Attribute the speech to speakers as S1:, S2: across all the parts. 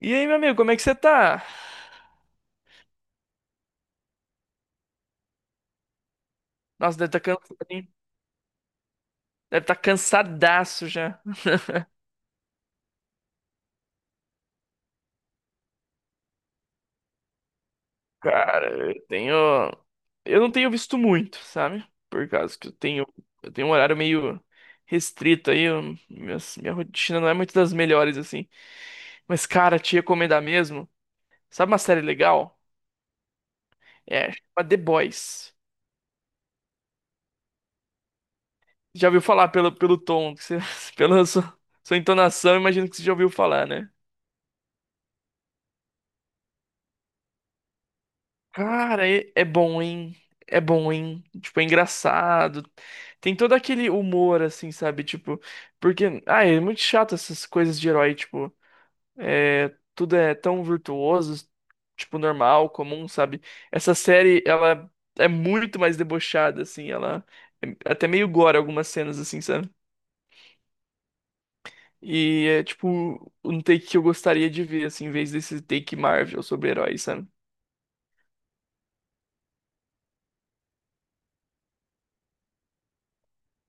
S1: E aí, meu amigo, como é que você tá? Nossa, deve estar cansado, hein? Deve estar cansadaço já. Cara, eu tenho. Eu não tenho visto muito, sabe? Por causa que eu tenho. Eu tenho um horário meio restrito aí. Minha rotina não é muito das melhores, assim. Mas, cara, te recomendar mesmo. Sabe uma série legal? É, chama The Boys. Já ouviu falar pelo tom, pela sua entonação, imagino que você já ouviu falar, né? Cara, é bom, hein? É bom, hein? Tipo, é engraçado. Tem todo aquele humor, assim, sabe? Tipo, porque, ah, é muito chato essas coisas de herói, tipo, é, tudo é tão virtuoso, tipo, normal, comum, sabe? Essa série, ela é muito mais debochada, assim, ela é até meio gore algumas cenas, assim, sabe? E é, tipo, um take que eu gostaria de ver, assim, em vez desse take Marvel sobre heróis, sabe?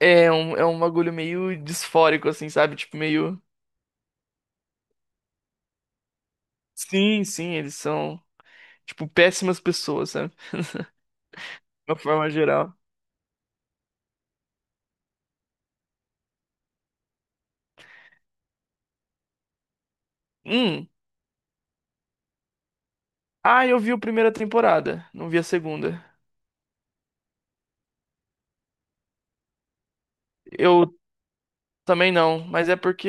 S1: É um bagulho meio disfórico, assim, sabe? Tipo, meio. Sim, sim, eles são, tipo, péssimas pessoas, sabe? De uma forma geral. Hum. Ah, eu vi a primeira temporada, não vi a segunda. Eu também não, mas é porque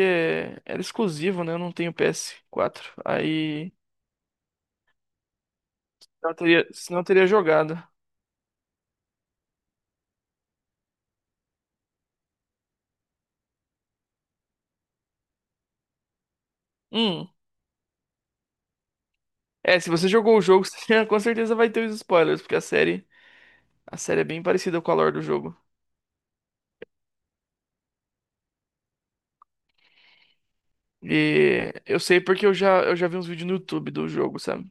S1: era exclusivo, né? Eu não tenho PS4 aí. Não teria, senão eu teria jogado. Hum. É, se você jogou o jogo, você com certeza vai ter os spoilers, porque a série é bem parecida com a lore do jogo. E eu sei porque eu já vi uns vídeos no YouTube do jogo, sabe?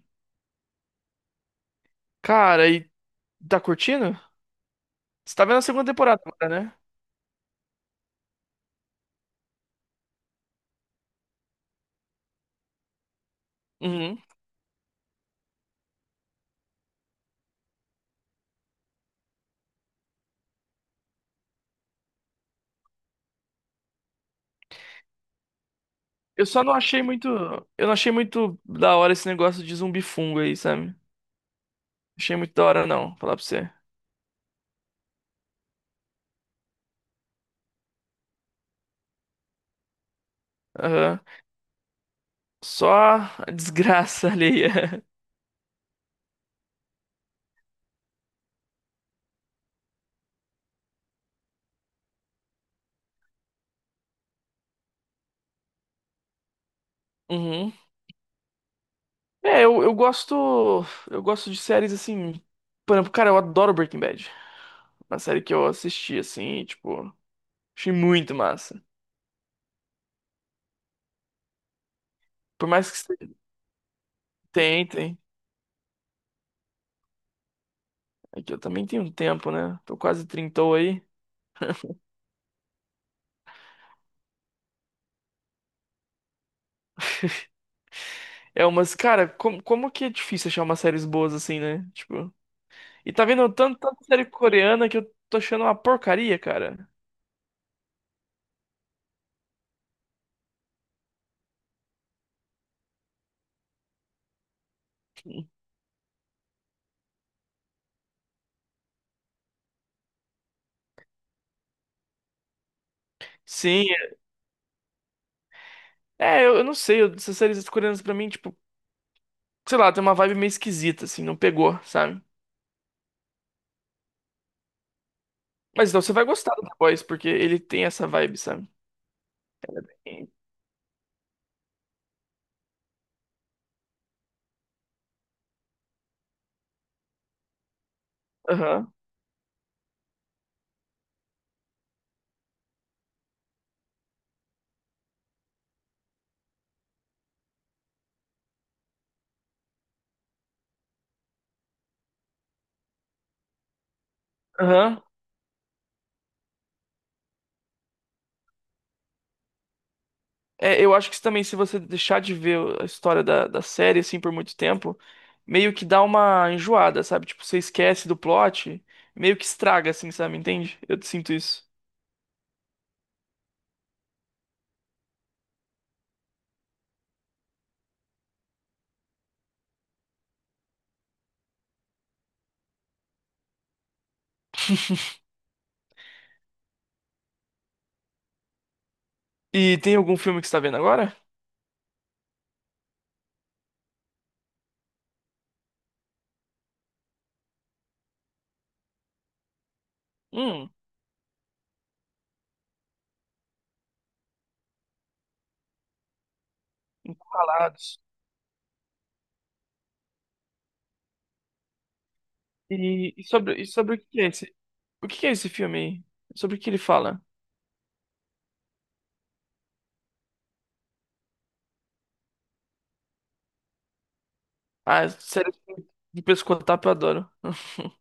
S1: Cara, e tá curtindo? Você tá vendo a segunda temporada agora, né? Uhum. Eu só não achei muito. Eu não achei muito da hora esse negócio de zumbi fungo aí, sabe? Não achei muito da hora, não, falar pra você. Aham. Só a desgraça alheia. Uhum. É, eu gosto. Eu gosto de séries assim. Por exemplo, cara, eu adoro Breaking Bad. Uma série que eu assisti, assim, tipo, achei muito massa. Por mais que você tentem. É que eu também tenho um tempo, né? Tô quase trintou aí. É umas, cara, como que é difícil achar umas séries boas assim, né? Tipo. E tá vendo tanta série coreana que eu tô achando uma porcaria, cara. Sim, eu não sei, essas séries coreanas pra mim, tipo, sei lá, tem uma vibe meio esquisita, assim, não pegou, sabe? Mas então você vai gostar do The Boys, porque ele tem essa vibe, sabe? Aham, aham. É, eu acho que também, se você deixar de ver a história da série, assim, por muito tempo, meio que dá uma enjoada, sabe? Tipo, você esquece do plot, meio que estraga, assim, sabe? Entende? Eu sinto isso. E tem algum filme que você tá vendo agora? Hum, Encurralados. E sobre o que é esse? O que é esse filme aí? Sobre o que ele fala? Ah, série de pescotapo eu adoro.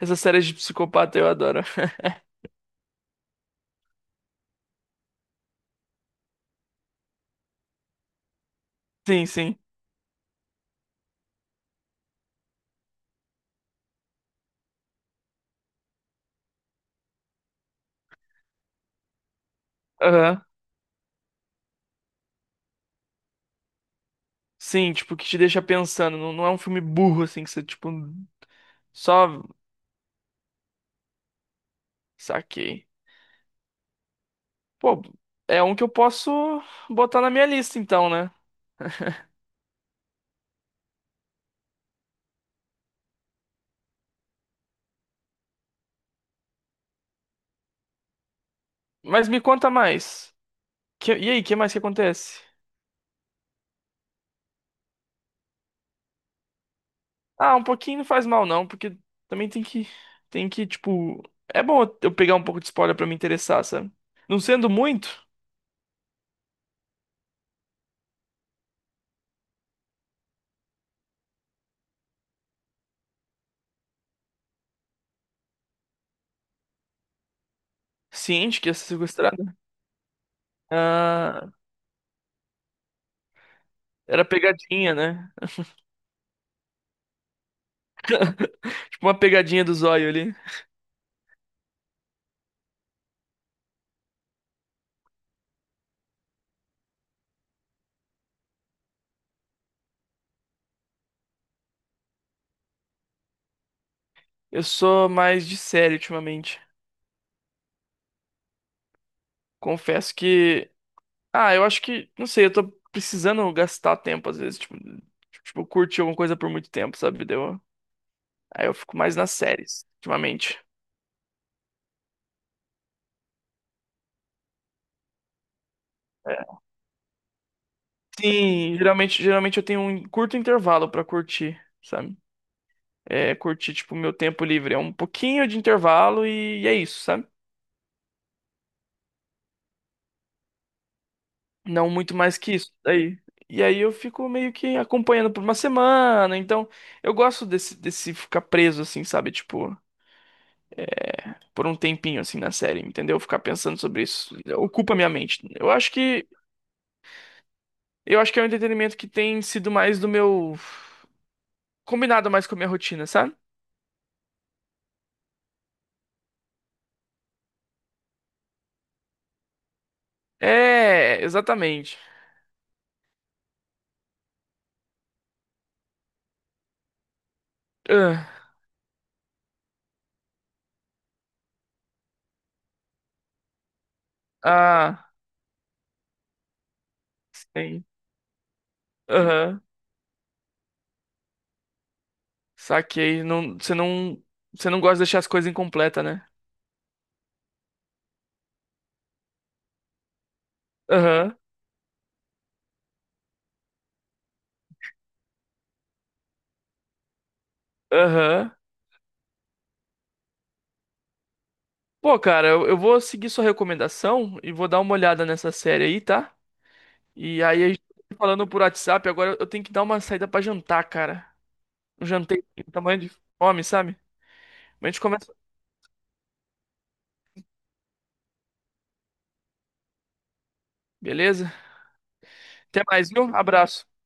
S1: Essa série de psicopata eu adoro. Sim, sim. Aham. Sim, tipo, que te deixa pensando. Não, não é um filme burro, assim, que você, tipo, só saquei. Pô, é um que eu posso botar na minha lista, então, né? Mas me conta mais. E aí, o que mais que acontece? Ah, um pouquinho não faz mal, não, porque também tem que, tipo. É bom eu pegar um pouco de spoiler pra me interessar, sabe? Não sendo muito ciente que ia ser sequestrada. Ah, era pegadinha, né? Uma pegadinha do zóio ali. Eu sou mais de série ultimamente. Confesso que. Ah, eu acho que. Não sei, eu tô precisando gastar tempo às vezes. Tipo curtir alguma coisa por muito tempo, sabe? Deu. Aí eu fico mais nas séries, ultimamente. É. Sim, geralmente eu tenho um curto intervalo pra curtir, sabe? É curtir, tipo, meu tempo livre. É um pouquinho de intervalo e é isso, sabe? Não muito mais que isso daí. E aí eu fico meio que acompanhando por uma semana. Então, eu gosto desse, ficar preso, assim, sabe? Tipo, por um tempinho, assim, na série, entendeu? Ficar pensando sobre isso. Ocupa minha mente. Eu acho que é um entretenimento que tem sido mais do meu. Combinado mais com a minha rotina, sabe? É, exatamente. Ah, ah, sim. Aham. Saquei. Não, você não gosta de deixar as coisas incompletas, né? Aham. Aham. Pô, cara, eu vou seguir sua recomendação e vou dar uma olhada nessa série aí, tá? E aí, a gente tá falando por WhatsApp, agora eu tenho que dar uma saída pra jantar, cara. Um jantei com tamanho de fome, sabe? Mas a gente começa. Beleza? Até mais, viu? Abraço.